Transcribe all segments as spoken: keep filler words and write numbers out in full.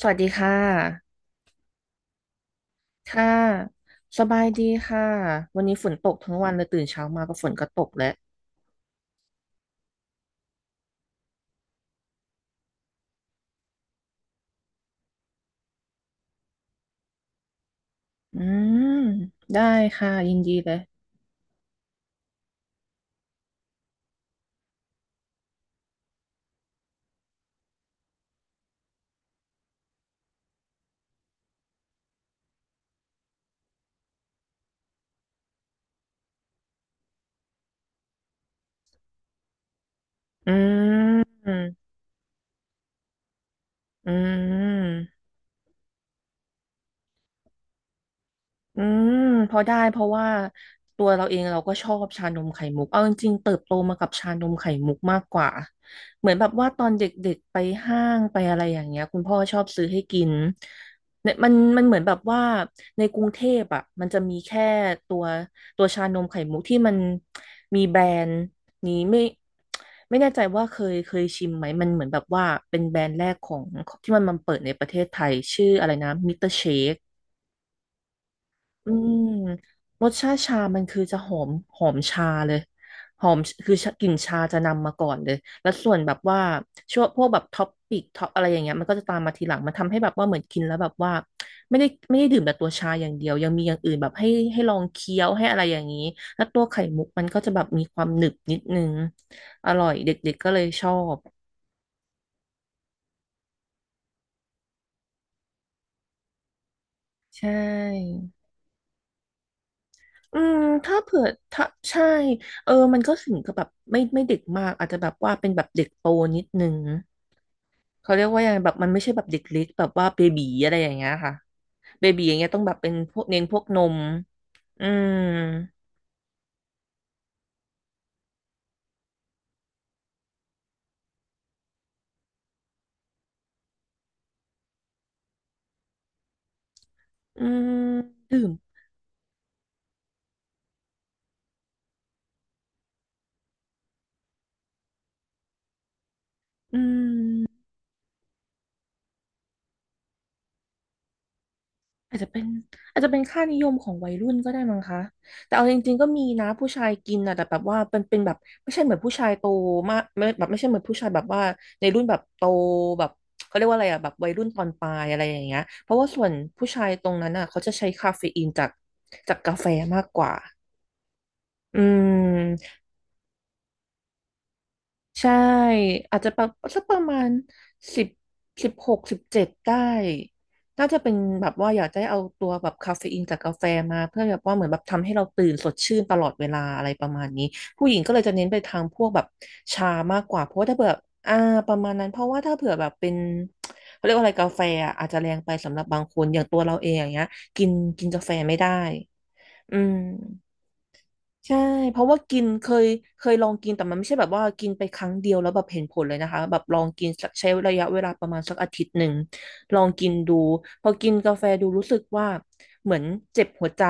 สวัสดีค่ะ ค่ะ สบายดีค่ะ วันนี้ฝนตกทั้งวันเลยตื่นเช้ามาก็ฝนก็ตกแล้ว อืม ได้ค่ะ ยินดีเลย อืม อืม อืมพอได้เพราะว่าตัวเราเองเราก็ชอบชานมไข่มุกเอาจริงๆเติบโตมากับชานมไข่มุกมากกว่าเหมือนแบบว่าตอนเด็กๆไปห้างไปอะไรอย่างเงี้ยคุณพ่อชอบซื้อให้กินเนี่ยมันมันเหมือนแบบว่าในกรุงเทพอ่ะมันจะมีแค่ตัวตัวชานมไข่มุกที่มันมีแบรนด์นี้ไม่ไม่แน่ใจว่าเคยเคยชิมไหมมันเหมือนแบบว่าเป็นแบรนด์แรกของที่มันมาเปิดในประเทศไทยชื่ออะไรนะมิสเตอร์เชค อืมรสชาติชามันคือจะหอมหอมชาเลยหอมคือชากลิ่นชาจะนำมาก่อนเลยแล้วส่วนแบบว่าช่วงพวกแบบท็อปปิกท็อปอะไรอย่างเงี้ยมันก็จะตามมาทีหลังมันทำให้แบบว่าเหมือนกินแล้วแบบว่าไม่ได้ไม่ได้ดื่มแต่ตัวชาอย่างเดียวยังมีอย่างอื่นแบบให้ให้ลองเคี้ยวให้อะไรอย่างนี้แล้วตัวไข่มุกมันก็จะแบบมีความหนึบนิดนึงอร่อยเด็กๆก็เลยชอบใช่ อืมถ้าเผื่อถ้าใช่เออมันก็ถึงกับแบบไม่ไม่เด็กมากอาจจะแบบว่าเป็นแบบเด็กโตนิดนึงเขาเรียกว่ายังไงแบบมันไม่ใช่แบบเด็กเล็กแบบว่าเบบีอะไรอย่างเงี้ยค่ะเบบีอย่างเงี้ยต้องแบบเป็นพวกเน้นพวกนมอืมอืมดื่มอืม อาจจะเป็นอาจจะเป็นค่านิยมของวัยรุ่นก็ได้มั้งคะแต่เอาจริงๆก็มีนะผู้ชายกินอ่ะแต่แบบว่าเป็นเป็นแบบไม่ใช่เหมือนผู้ชายโตมากไม่แบบไม่ใช่เหมือนผู้ชายแบบว่าในรุ่นแบบโตแบบเขาเรียกว่าอะไรอ่ะแบบวัยรุ่นตอนปลายอะไรอย่างเงี้ยเพราะว่าส่วนผู้ชายตรงนั้นอ่ะเขาจะใช้คาเฟอีนจากจากกาแฟมากกว่าอืม ใช่อาจจะประสักประมาณสิบสิบหกสิบเจ็ดได้น่าจะเป็นแบบว่าอยากได้เอาตัวแบบคาเฟอีนจากกาแฟมาเพื่อแบบว่าเหมือนแบบทำให้เราตื่นสดชื่นตลอดเวลาอะไรประมาณนี้ผู้หญิงก็เลยจะเน้นไปทางพวกแบบชามากกว่าเพราะว่าถ้าเผื่ออ่าประมาณนั้นเพราะว่าถ้าเผื่อแบบเป็นเขาเรียกว่าอะไรกาแฟอะอาจจะแรงไปสำหรับบางคนอย่างตัวเราเองอย่างเงี้ยกินกินกาแฟไม่ได้อืม ใช่เพราะว่ากินเคยเคยลองกินแต่มันไม่ใช่แบบว่ากินไปครั้งเดียวแล้วแบบเห็นผลเลยนะคะแบบลองกินสักใช้ระยะเวลาประมาณสักอาทิตย์หนึ่งลองกินดูพอกินกาแฟดูรู้สึกว่าเหมือนเจ็บหัวใจ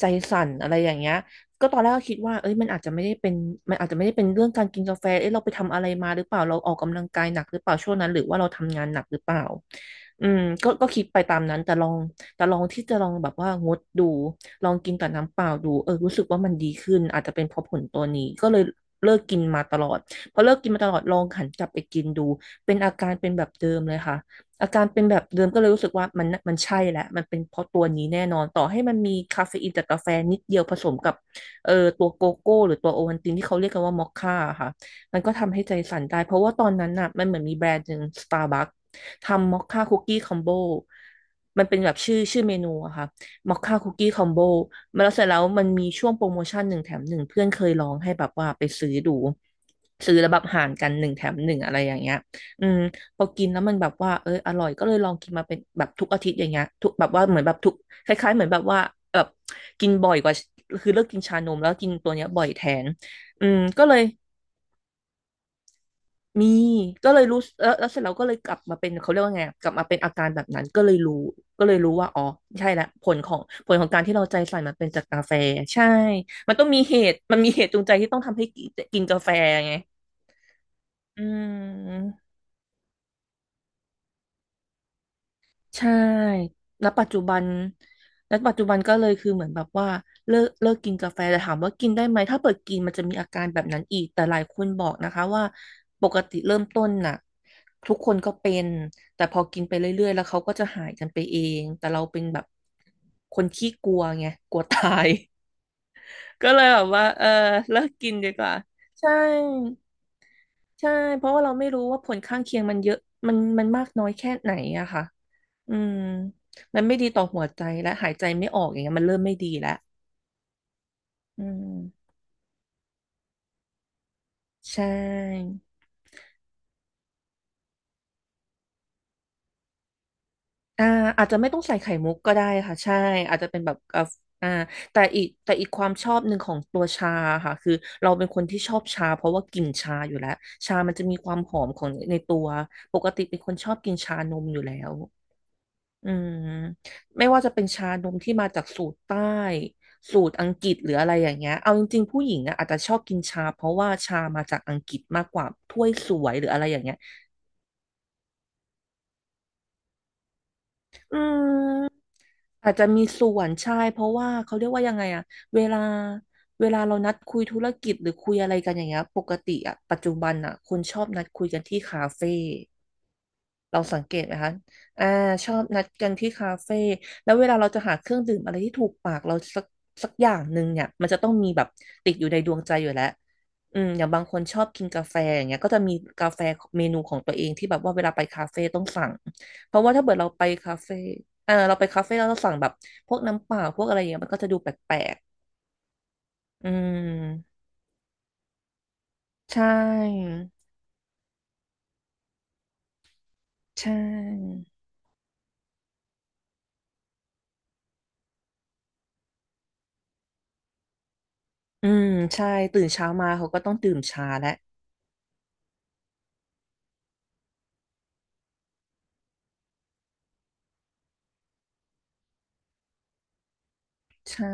ใจสั่นอะไรอย่างเงี้ยก็ตอนแรกก็คิดว่าเอ้ยมันอาจจะไม่ได้เป็นมันอาจจะไม่ได้เป็นเรื่องการกินกาแฟเอ้ยเราไปทำอะไรมาหรือเปล่าเราออกกำลังกายหนักหรือเปล่าช่วงนั้นหรือว่าเราทำงานหนักหรือเปล่าอืมก็ก็คิดไปตามนั้นแต่ลองแต่ลองที่จะลองแบบว่างดดู ลองกินกับน้ำเปล่าดูเออรู้สึกว่ามันดีขึ้นอาจจะเป็นเพราะผลตัวนี้ก็เลยเลิกกินมาตลอดพอเลิกกินมาตลอดลองหันกลับไปกินดูเป็นอาการเป็นแบบเดิมเลยค่ะอาการเป็นแบบเดิมก็เลยรู้สึกว่ามันมันใช่แหละมันเป็นเพราะตัวนี้แน่นอนต่อให้มันมีคาเฟอีนจากกาแฟนิดเดียวผสมกับเอ่อตัวโกโก้หรือตัวโอวัลตินที่เขาเรียกกันว่ามอคค่าค่ะมันก็ทำให้ใจสั่นได้เพราะว่าตอนนั้นน่ะมันเหมือนมีแบรนด์หนึ่งสตาร์บัคทำมอคค่าคุกกี้คอมโบมันเป็นแบบชื่อชื่อเมนูอะค่ะ มอคค่าคุกกี้คอมโบมาแล้วเสร็จแล้วมันมีช่วงโปรโมชั่นหนึ่งแถมหนึ่งเพื่อนเคยลองให้แบบว่าไปซื้อดูซื้อแล้วแบบห่างกันหนึ่งแถมหนึ่งอะไรอย่างเงี้ยอืมพอกินแล้วมันแบบว่าเอออร่อยก็เลยลองกินมาเป็นแบบทุกอาทิตย์อย่างเงี้ยทุกแบบว่าเหมือนแบบทุกคล้ายๆเหมือนแบบว่าแบบกินบ่อยกว่าคือเลิกกินชานมแล้วกินตัวเนี้ยบ่อยแทนอืมก็เลย มีก็เลยรู้แล้วแล้วเสร็จแล้วก็เลยกลับมาเป็นเขาเรียกว่าไงอะกลับมาเป็นอาการแบบนั้นก็เลยรู้ก็เลยรู้ว่าอ๋อใช่ละผลของผลของการที่เราใจใส่มันเป็นจากกาแฟใช่มันต้องมีเหตุมันมีเหตุจูงใจที่ต้องทำให้กินกาแฟไงอืม ใช่แล้วปัจจุบันแล้วปัจจุบันก็เลยคือเหมือนแบบว่าเลิกเลิกกินกาแฟแต่ถามว่ากินได้ไหมถ้าเปิดกินมันจะมีอาการแบบนั้นอีกแต่หลายคนบอกนะคะว่าปกติเริ่มต้นน่ะทุกคนก็เป็นแต่พอกินไปเรื่อยๆแล้วเขาก็จะหายกันไปเองแต่เราเป็นแบบคนขี้กลัวไงกลัวตาย ก็เลยแบบว่าเออเลิกกินดีกว่าใช่ ใช่เพราะว่าเราไม่รู้ว่าผลข้างเคียงมันเยอะมันมันมากน้อยแค่ไหนอะค่ะอืมมันไม่ดีต่อหัวใจและหายใจไม่ออกอย่างเงี้ยมันเริ่มไม่ดีแล้ว อืมใช่อ่าอาจจะไม่ต้องใส่ไข่มุกก็ได้ค่ะ ใช่อาจจะเป็นแบบเอ่ออ่าแต่อีกแต่อีกความชอบหนึ่งของตัวชาค่ะ คือเราเป็นคนที่ชอบชาเพราะว่ากลิ่นชาอยู่แล้ว ชามันจะมีความหอมของในตัวปกติเป็นคนชอบกินชานมอยู่แล้ว อืมไม่ว่าจะเป็นชานมที่มาจากสูตรใต้สูตรอังกฤษหรืออะไรอย่างเงี้ยเอาจริงๆผู้หญิงอะอาจจะชอบกินชาเพราะว่าชามาจากอังกฤษมากกว่าถ้วยสวยหรืออะไรอย่างเงี้ยอืมอาจจะมีส่วนใช่เพราะว่าเขาเรียกว่ายังไงอะเวลาเวลาเรานัดคุยธุรกิจหรือคุยอะไรกันอย่างเงี้ยปกติอะปัจจุบันอะคนชอบนัดคุยกันที่คาเฟ่ เราสังเกตไหมคะอ่าชอบนัดกันที่คาเฟ่แล้วเวลาเราจะหาเครื่องดื่มอะไรที่ถูกปากเราสักสักอย่างหนึ่งเนี่ยมันจะต้องมีแบบติดอยู่ในดวงใจอยู่แล้วอืมอย่างบางคนชอบกินกาแฟอย่างเงี้ยก็จะมีกาแฟเมนูของตัวเองที่แบบว่าเวลาไปคาเฟ่ต้องสั่งเพราะว่าถ้าเกิดเราไปคาเฟ่เออเราไปคาเฟ่แล้วเราสั่งแบบพวกน้ำเปล่าพวกอะไรอย่างเงี้ยมันก็จะดูแปลกๆอืมใช่ใช่อืมใช่ตื่นเช้ามาเขาก็ต้องดื่มชาแล้วใช่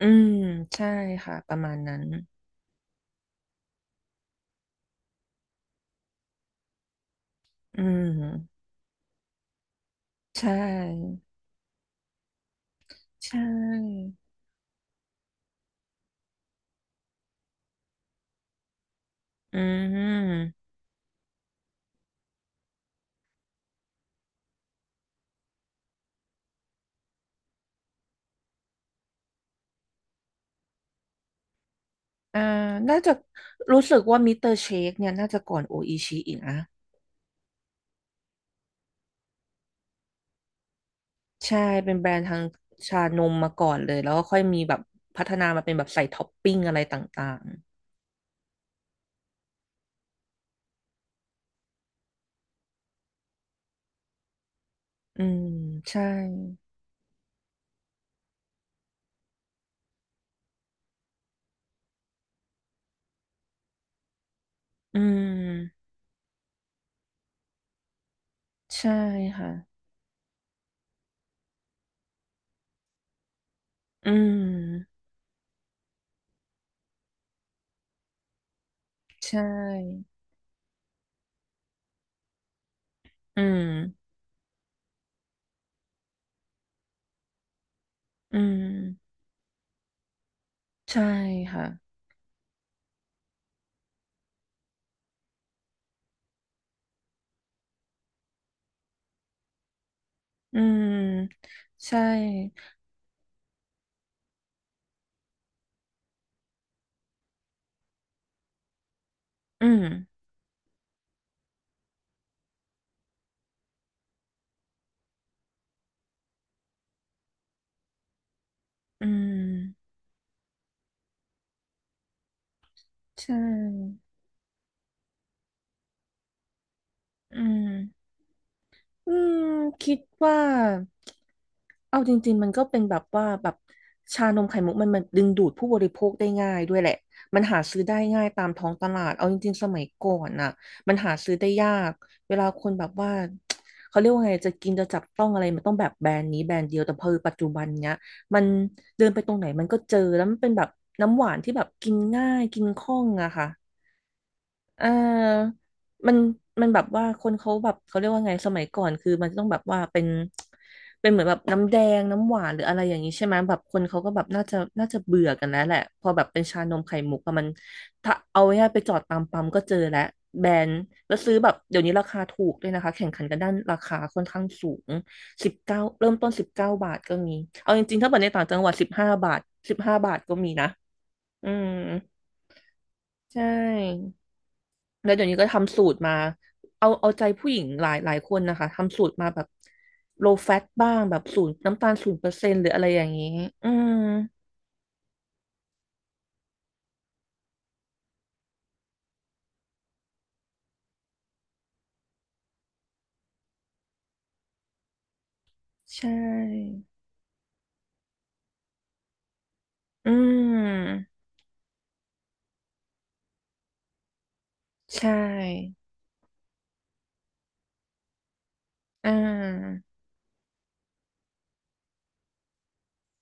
อืมใช่ค่ะประมาณนั้นอืมใช่ใช่อืมอ่าน่าจะรู้สึกว่ามิสเตอร์เชคเนี่ยน่าจะก่อนโออิชิอีกนะใช่เป็นแบรนด์ทางชานมมาก่อนเลยแล้วก็ค่อยมีแบบพัฒนามาเป็นแบบใส่ท็อปปิ้งอะไรต่างๆอืมใช่อืมใช่ค่ะอืมใช่อืมอืมใช่ค่ะอืมใช่อืม อืมใช่อืมอืมคิดว่าเอาจริงๆมันก็เป็นแบบว่าแบบชานมไข่มุกมันมันดึงดูดผู้บริโภคได้ง่ายด้วยแหละ มันหาซื้อได้ง่ายตามท้องตลาดเอาจริงๆสมัยก่อนน่ะมันหาซื้อได้ยาก เวลาคนแบบว่าเขาเรียกว่าไงจะกินจะจับต้องอะไรมันต้องแบบแบรนด์นี้แบรนด์เดียวแต่พอปัจจุบันเนี้ยมันเดินไปตรงไหนมันก็เจอแล้วมันเป็นแบบน้ำหวานที่แบบกินง่ายกินคล่องอะค่ะ อ่ามันมันแบบว่าคนเขาแบบเขาเรียกว่าไงสมัยก่อนคือมันจะต้องแบบว่าเป็นเป็นเหมือนแบบน้ำแดงน้ำหวานหรืออะไรอย่างนี้ใช่ไหมแบบคนเขาก็แบบน่าจะน่าจะเบื่อกันแล้วแหละพอแบบเป็นชานมไข่มุกอะมันถ้าเอาง่ายๆไปจอดตามปั๊มก็เจอแล้วแบรนด์แล้วซื้อแบบเดี๋ยวนี้ราคาถูกด้วยนะคะแข่งขันกันด้านราคาค่อนข้างสูงสิบเก้าเริ่มต้นสิบเก้าบาทก็มีเอาจริงๆถ้าเปิดในต่างจังหวัดสิบห้าบาทสิบห้าบาทก็มีนะอืมใช่ แล้วเดี๋ยวนี้ก็ทำสูตรมา เอาเอาใจผู้หญิงหลายหลายคนนะคะ ทำสูตรมาแบบ โลว์แฟต บ้าง แบบศูนย์น้ำตาลศูนย์เปอร์เซ็นต์หรืออะไรอย่างนี้ อืม ใช่ อืม ใช่ อ่า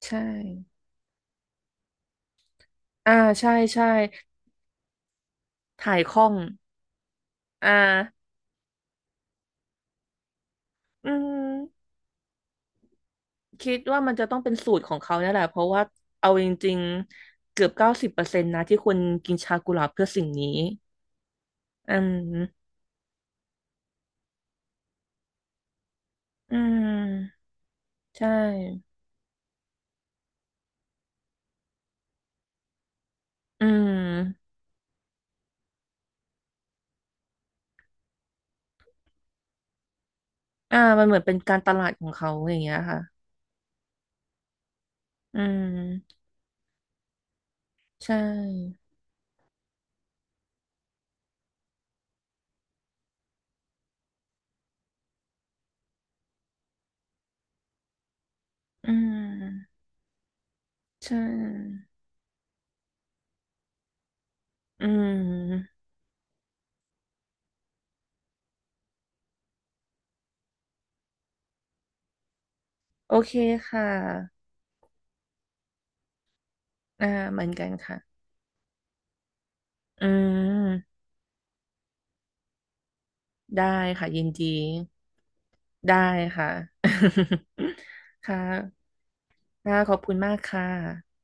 ใช่ อ่าใช่ใช่ถ่ายคล่อง อ่า อืม คิดว่ามันจะต้องเป็นสูตรของเขาเนี่ยแหละ เพราะว่า เอาจริงๆ เกือบเก้าสิบเปอร์เซ็นต์นะที่คนกินชากุหลาบเพื่อสิ่งนี้อืมอืมใช่ อืมอ่ามันเหมือนเป็นการตลาดของเขาอย่างเงี้ยค่ะ อืม ใช่ อืม ใช่ อืม โอเคค่ะอ่าเหมือนกันค่ะ อืม ได้ค่ะยินดีได้ค่ะ ค่ะ ค่ะขอบคุณมากค่ะ